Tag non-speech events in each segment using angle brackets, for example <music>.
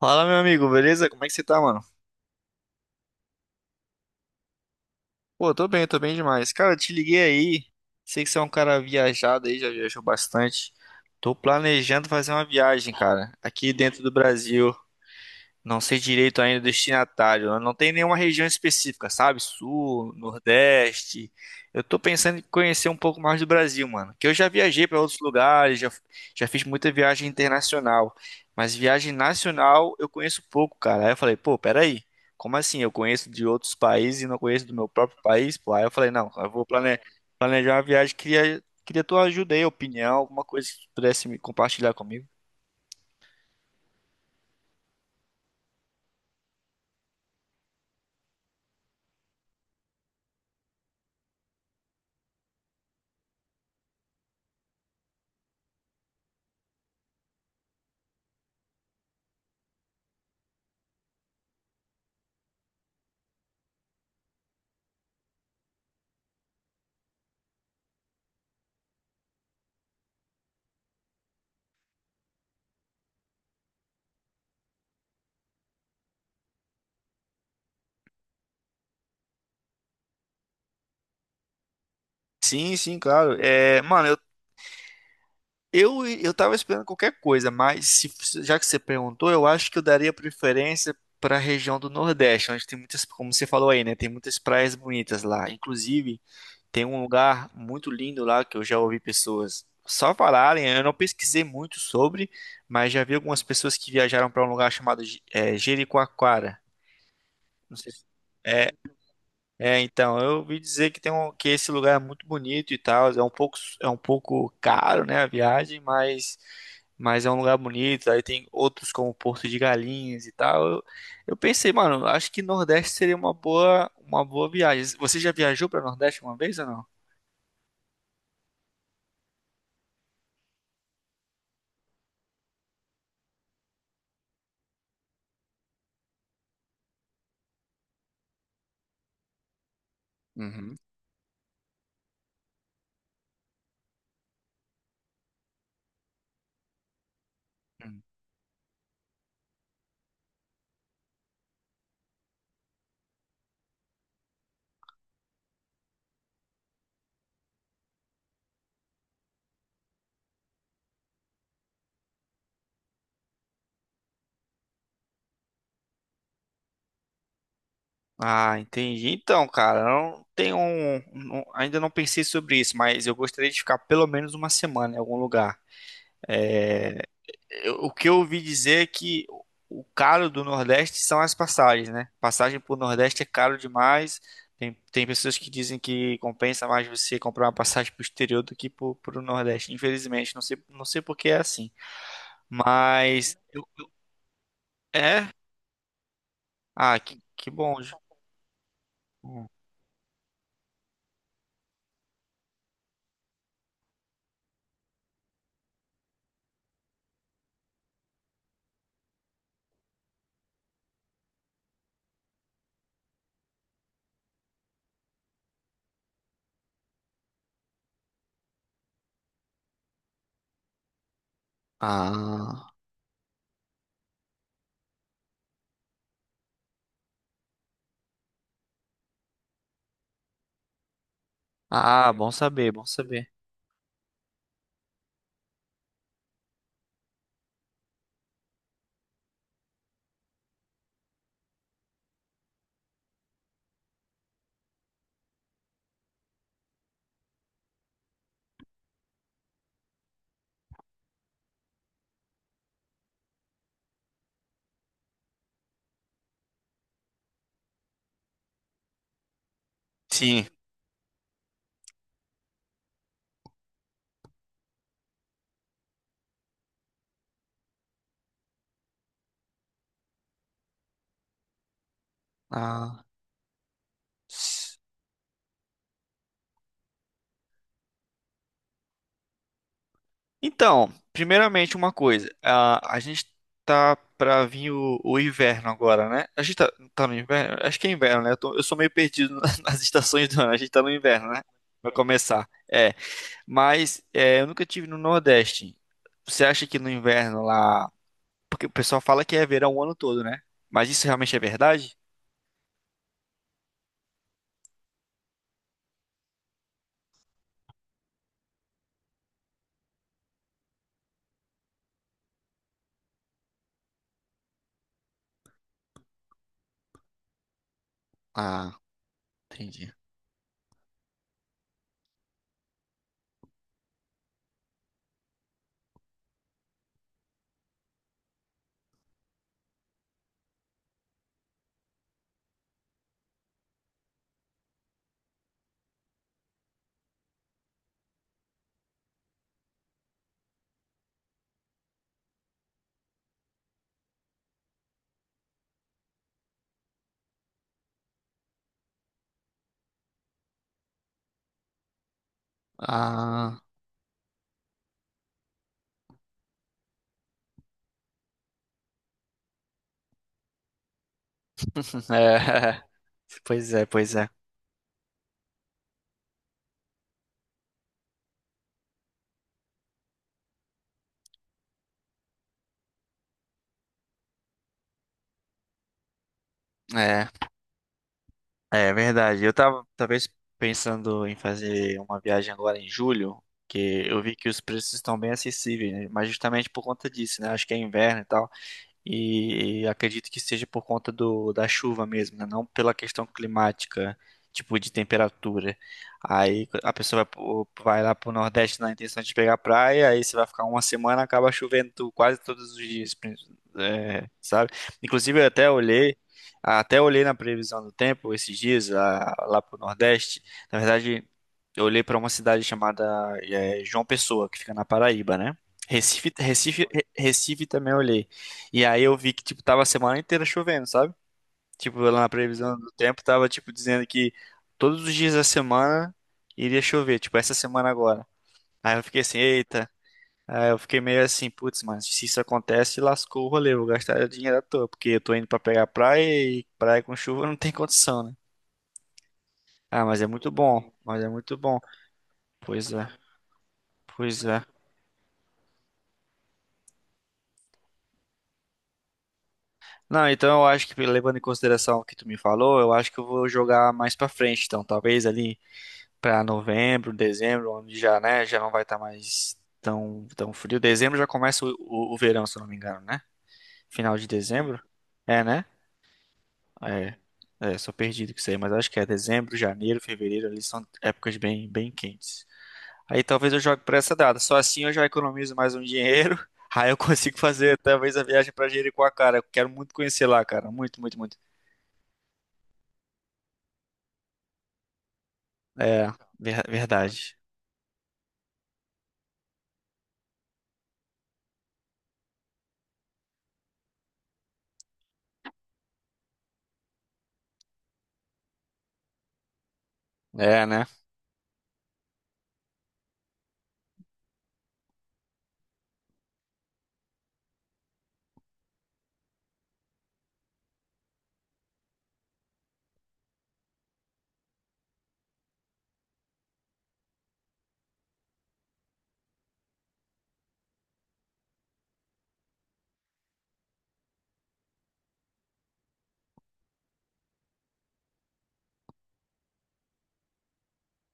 Fala, meu amigo, beleza? Como é que você tá, mano? Pô, tô bem demais. Cara, eu te liguei aí. Sei que você é um cara viajado aí, já viajou bastante. Tô planejando fazer uma viagem, cara, aqui dentro do Brasil. Não sei direito ainda o destinatário, né? Não tem nenhuma região específica, sabe? Sul, Nordeste. Eu tô pensando em conhecer um pouco mais do Brasil, mano. Que eu já viajei para outros lugares, já, já fiz muita viagem internacional. Mas viagem nacional eu conheço pouco, cara. Aí eu falei, pô, peraí. Como assim? Eu conheço de outros países e não conheço do meu próprio país? Pô, aí eu falei, não, eu vou planejar uma viagem. Queria tua ajuda aí, opinião, alguma coisa que tu pudesse me compartilhar comigo. Sim, sim, claro. É, mano, eu tava esperando qualquer coisa, mas já que você perguntou, eu acho que eu daria preferência para a região do Nordeste, onde tem muitas, como você falou aí, né? Tem muitas praias bonitas lá. Inclusive, tem um lugar muito lindo lá que eu já ouvi pessoas só falarem. Eu não pesquisei muito sobre, mas já vi algumas pessoas que viajaram para um lugar chamado Jericoacoara. Não sei se... é, é, então, eu ouvi dizer que tem um, que esse lugar é muito bonito e tal, é um pouco caro, né, a viagem, mas é um lugar bonito, aí tem outros como Porto de Galinhas e tal. Eu pensei, mano, acho que Nordeste seria uma boa viagem. Você já viajou para Nordeste uma vez ou não? Uhum. Hum. Ah, entendi. Então, cara, eu não tenho um, ainda não pensei sobre isso, mas eu gostaria de ficar pelo menos uma semana em algum lugar. É, o que eu ouvi dizer é que o caro do Nordeste são as passagens, né? Passagem pro Nordeste é caro demais. Tem pessoas que dizem que compensa mais você comprar uma passagem pro exterior do que pro Nordeste. Infelizmente, não sei, não sei por que é assim. Mas é. Ah, que bom. Ju. Ah, ah, bom saber, bom saber. Sim. Ah. Então, primeiramente uma coisa, a gente tá pra vir o inverno agora, né? A gente tá, tá no inverno? Acho que é inverno, né? Eu, eu sou meio perdido <laughs> nas estações do ano, a gente tá no inverno, né? Vai começar. É, mas é, eu nunca tive no Nordeste. Você acha que no inverno lá. Porque o pessoal fala que é verão o ano todo, né? Mas isso realmente é verdade? Ah, entendi. Ah, <laughs> é. Pois é, pois é. É. É verdade. Eu tava talvez pensando em fazer uma viagem agora em julho, que eu vi que os preços estão bem acessíveis, né? Mas justamente por conta disso, né? Acho que é inverno e tal. E acredito que seja por conta do, da chuva mesmo, né? Não pela questão climática, tipo de temperatura. Aí a pessoa vai, vai lá pro Nordeste na intenção de pegar praia, aí você vai ficar uma semana, acaba chovendo quase todos os dias, é, sabe? Inclusive eu até olhei na previsão do tempo esses dias lá, lá pro Nordeste. Na verdade, eu olhei para uma cidade chamada é, João Pessoa, que fica na Paraíba, né? Recife, Recife, Recife também eu olhei. E aí eu vi que, tipo, tava a semana inteira chovendo, sabe? Tipo, lá na previsão do tempo tava, tipo, dizendo que todos os dias da semana iria chover, tipo, essa semana agora. Aí eu fiquei assim, eita. Aí eu fiquei meio assim, putz, mas se isso acontece, lascou o rolê, eu vou gastar dinheiro à toa, porque eu tô indo pra pegar praia e praia com chuva não tem condição, né? Ah, mas é muito bom, mas é muito bom. Pois é, pois é. Não, então eu acho que levando em consideração o que tu me falou, eu acho que eu vou jogar mais pra frente, então, talvez ali para novembro, dezembro, onde já, né, já não vai estar mais tão, tão frio. Dezembro já começa o verão, se eu não me engano, né? Final de dezembro? É, né? É, é, sou perdido com isso aí, mas acho que é dezembro, janeiro, fevereiro, ali são épocas bem, bem quentes. Aí talvez eu jogue para essa data. Só assim eu já economizo mais um dinheiro. <laughs> Aí eu consigo fazer talvez a viagem para Jericoacoara. Eu quero muito conhecer lá, cara. Muito, muito, muito. É, verdade. É, né?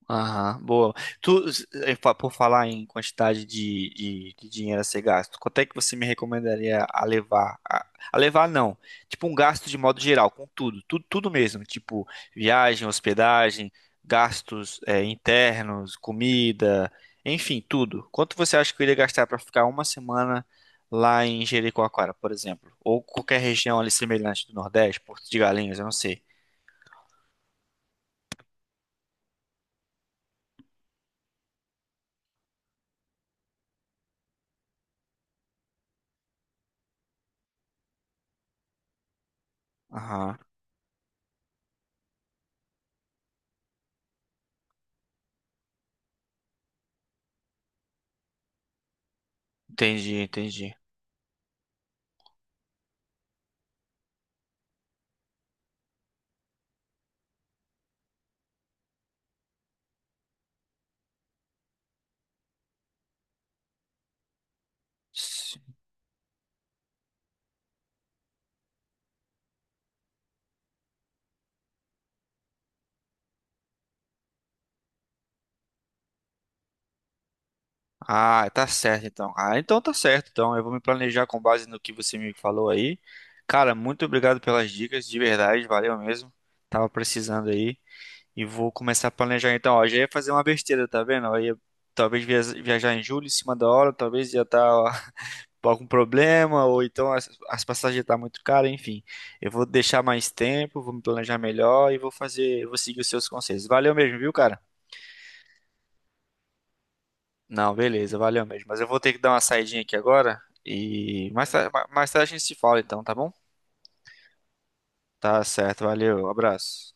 Aham, boa. Tu, por falar em quantidade de dinheiro a ser gasto, quanto é que você me recomendaria a levar? A levar não, tipo um gasto de modo geral, com tudo, tudo, tudo mesmo, tipo viagem, hospedagem, gastos, internos, comida, enfim, tudo. Quanto você acha que eu iria gastar para ficar uma semana lá em Jericoacoara, por exemplo? Ou qualquer região ali semelhante do Nordeste, Porto de Galinhas, eu não sei. Aham, entendi, entendi. Ah, tá certo então. Ah, então tá certo. Então eu vou me planejar com base no que você me falou aí. Cara, muito obrigado pelas dicas, de verdade, valeu mesmo. Tava precisando aí e vou começar a planejar então. Ó, já ia fazer uma besteira, tá vendo? Ó, ia talvez viajar em julho em cima da hora, talvez ia estar <laughs> com algum problema ou então as passagens tá muito caras, enfim. Eu vou deixar mais tempo, vou me planejar melhor e vou fazer, vou seguir os seus conselhos. Valeu mesmo, viu, cara? Não, beleza, valeu mesmo. Mas eu vou ter que dar uma saidinha aqui agora e mais tarde a gente se fala então, tá bom? Tá certo, valeu, abraço.